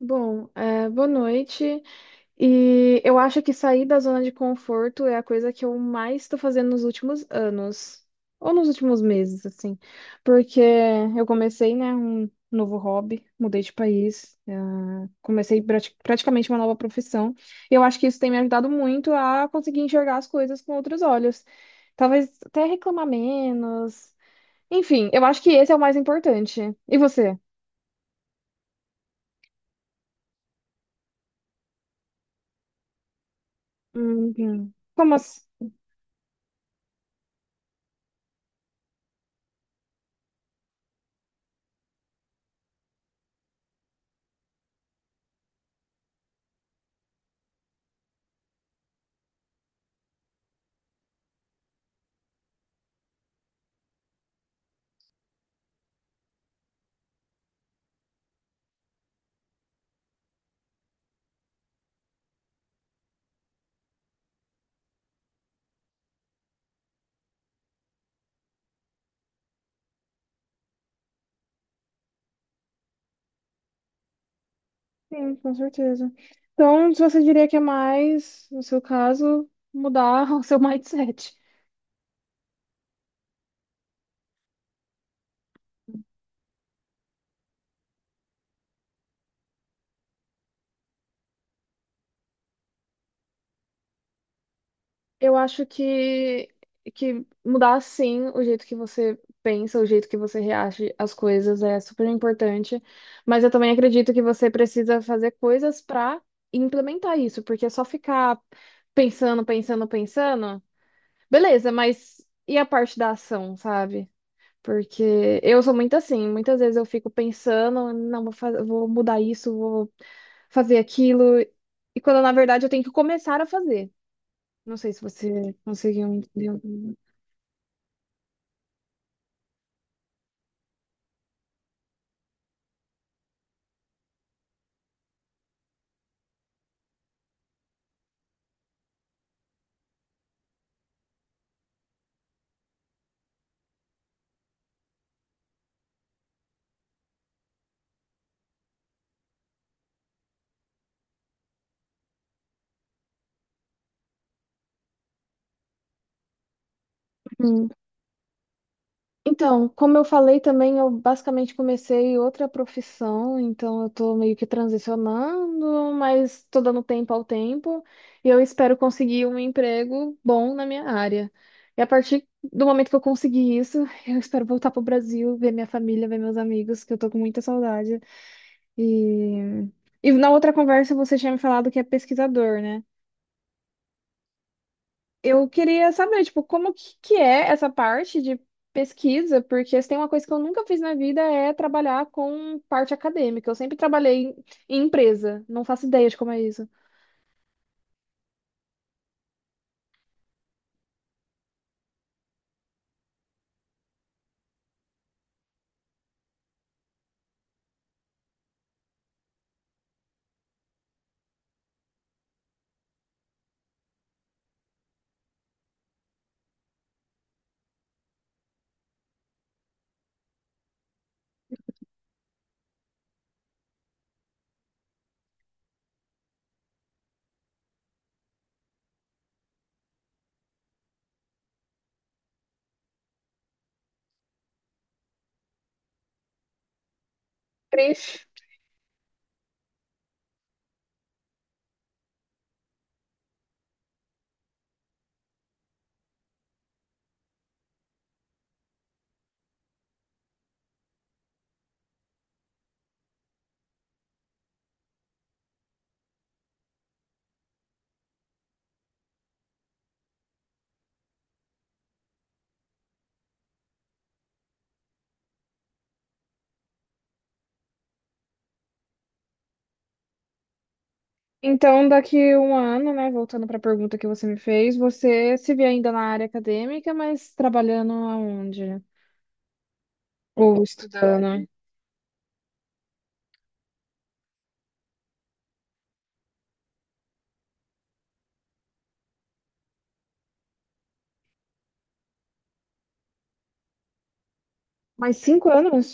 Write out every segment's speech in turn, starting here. Bom, boa noite. E eu acho que sair da zona de conforto é a coisa que eu mais estou fazendo nos últimos anos, ou nos últimos meses, assim, porque eu comecei, né, um novo hobby, mudei de país, praticamente uma nova profissão. E eu acho que isso tem me ajudado muito a conseguir enxergar as coisas com outros olhos. Talvez até reclamar menos. Enfim, eu acho que esse é o mais importante. E você? Como assim? Sim, com certeza. Então, você diria que é mais, no seu caso, mudar o seu mindset. Eu acho que mudar, sim, o jeito que você pensa, o jeito que você reage às coisas é super importante. Mas eu também acredito que você precisa fazer coisas para implementar isso, porque é só ficar pensando, pensando, pensando, beleza, mas e a parte da ação, sabe? Porque eu sou muito assim, muitas vezes eu fico pensando, não, vou mudar isso, vou fazer aquilo, e quando na verdade eu tenho que começar a fazer. Não sei se você conseguiu entender. Então, como eu falei também, eu basicamente comecei outra profissão, então eu tô meio que transicionando, mas tô dando tempo ao tempo e eu espero conseguir um emprego bom na minha área. E a partir do momento que eu conseguir isso, eu espero voltar pro Brasil, ver minha família, ver meus amigos, que eu tô com muita saudade. E, e na outra conversa você tinha me falado que é pesquisador, né? Eu queria saber, tipo, que é essa parte de pesquisa, porque se tem uma coisa que eu nunca fiz na vida é trabalhar com parte acadêmica. Eu sempre trabalhei em empresa, não faço ideia de como é isso. Cris, então daqui um ano, né, voltando para a pergunta que você me fez, você se vê ainda na área acadêmica, mas trabalhando aonde? Ou estudando? Mais cinco anos?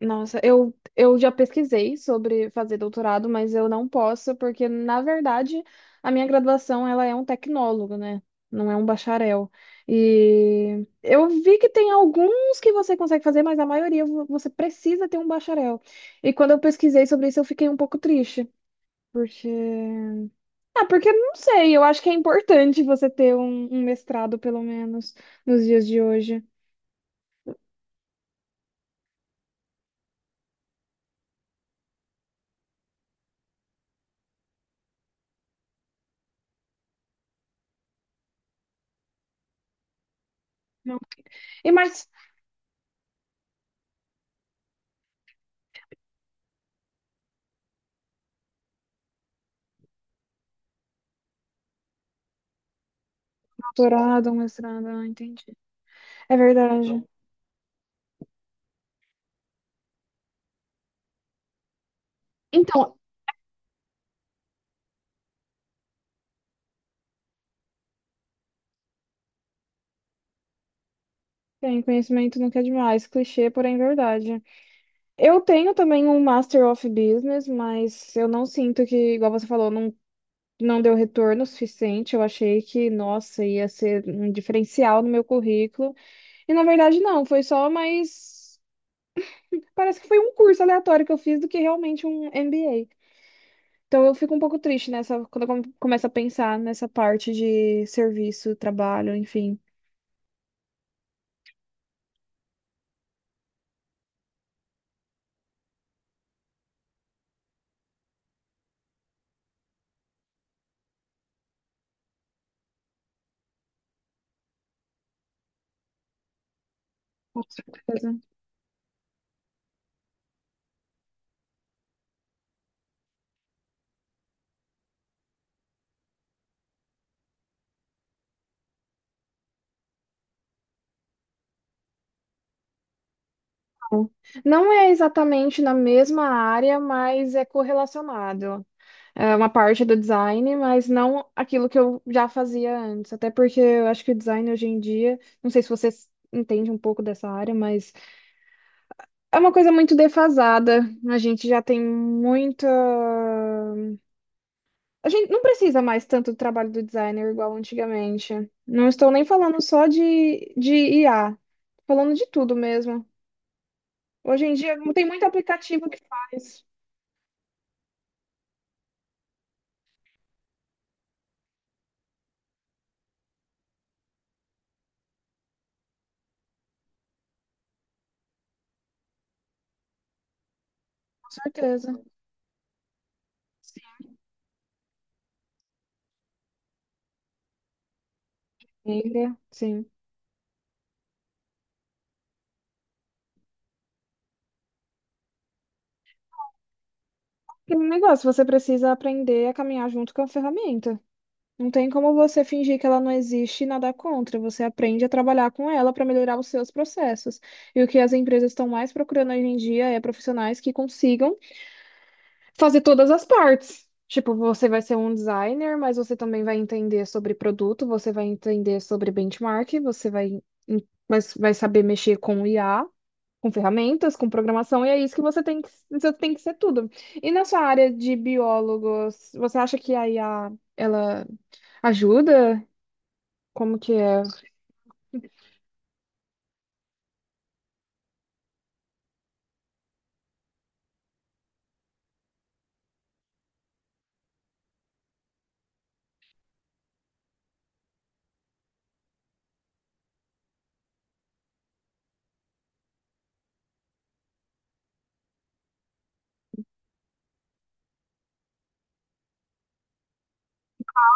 Nossa, eu já pesquisei sobre fazer doutorado, mas eu não posso, porque, na verdade, a minha graduação ela é um tecnólogo, né? Não é um bacharel. E eu vi que tem alguns que você consegue fazer, mas a maioria você precisa ter um bacharel. E quando eu pesquisei sobre isso, eu fiquei um pouco triste, porque... Ah, porque eu não sei, eu acho que é importante você ter um mestrado, pelo menos, nos dias de hoje. Não. E mais doutorado, um mestrado, ah, entendi. É verdade. Então, tem conhecimento nunca é demais, clichê, porém verdade. Eu tenho também um Master of Business, mas eu não sinto que, igual você falou, não, não deu retorno suficiente. Eu achei que, nossa, ia ser um diferencial no meu currículo. E na verdade, não, foi só mais. Parece que foi um curso aleatório que eu fiz do que realmente um MBA. Então eu fico um pouco triste nessa, quando eu começo a pensar nessa parte de serviço, trabalho, enfim. Com certeza. Não é exatamente na mesma área, mas é correlacionado. É uma parte do design, mas não aquilo que eu já fazia antes. Até porque eu acho que o design hoje em dia, não sei se você entende um pouco dessa área, mas é uma coisa muito defasada. A gente já tem muita. A gente não precisa mais tanto do trabalho do designer igual antigamente. Não estou nem falando só de IA, falando de tudo mesmo. Hoje em dia tem muito aplicativo que faz. Certeza. Trilha, sim. Aquele negócio, você precisa aprender a caminhar junto com a ferramenta. Não tem como você fingir que ela não existe e nadar contra. Você aprende a trabalhar com ela para melhorar os seus processos. E o que as empresas estão mais procurando hoje em dia é profissionais que consigam fazer todas as partes. Tipo, você vai ser um designer, mas você também vai entender sobre produto, você vai entender sobre benchmark, você vai, mas vai saber mexer com o IA, com ferramentas, com programação, e é isso que você tem que, você tem que ser tudo. E na sua área de biólogos, você acha que a IA, ela ajuda? Como que é?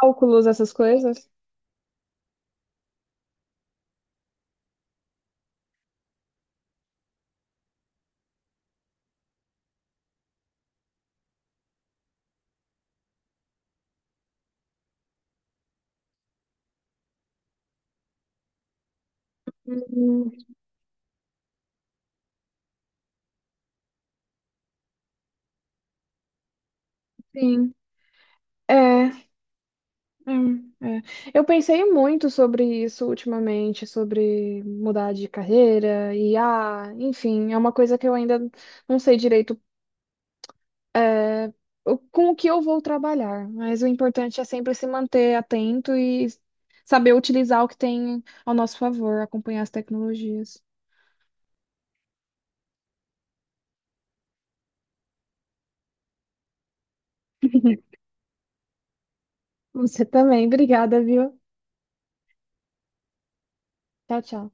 Cálculos, essas coisas? Hum, Sim. É, hum, é. Eu pensei muito sobre isso ultimamente, sobre mudar de carreira, IA, enfim, é uma coisa que eu ainda não sei direito com o que eu vou trabalhar, mas o importante é sempre se manter atento e saber utilizar o que tem ao nosso favor, acompanhar as tecnologias. Você também, obrigada, viu? Tchau, tchau.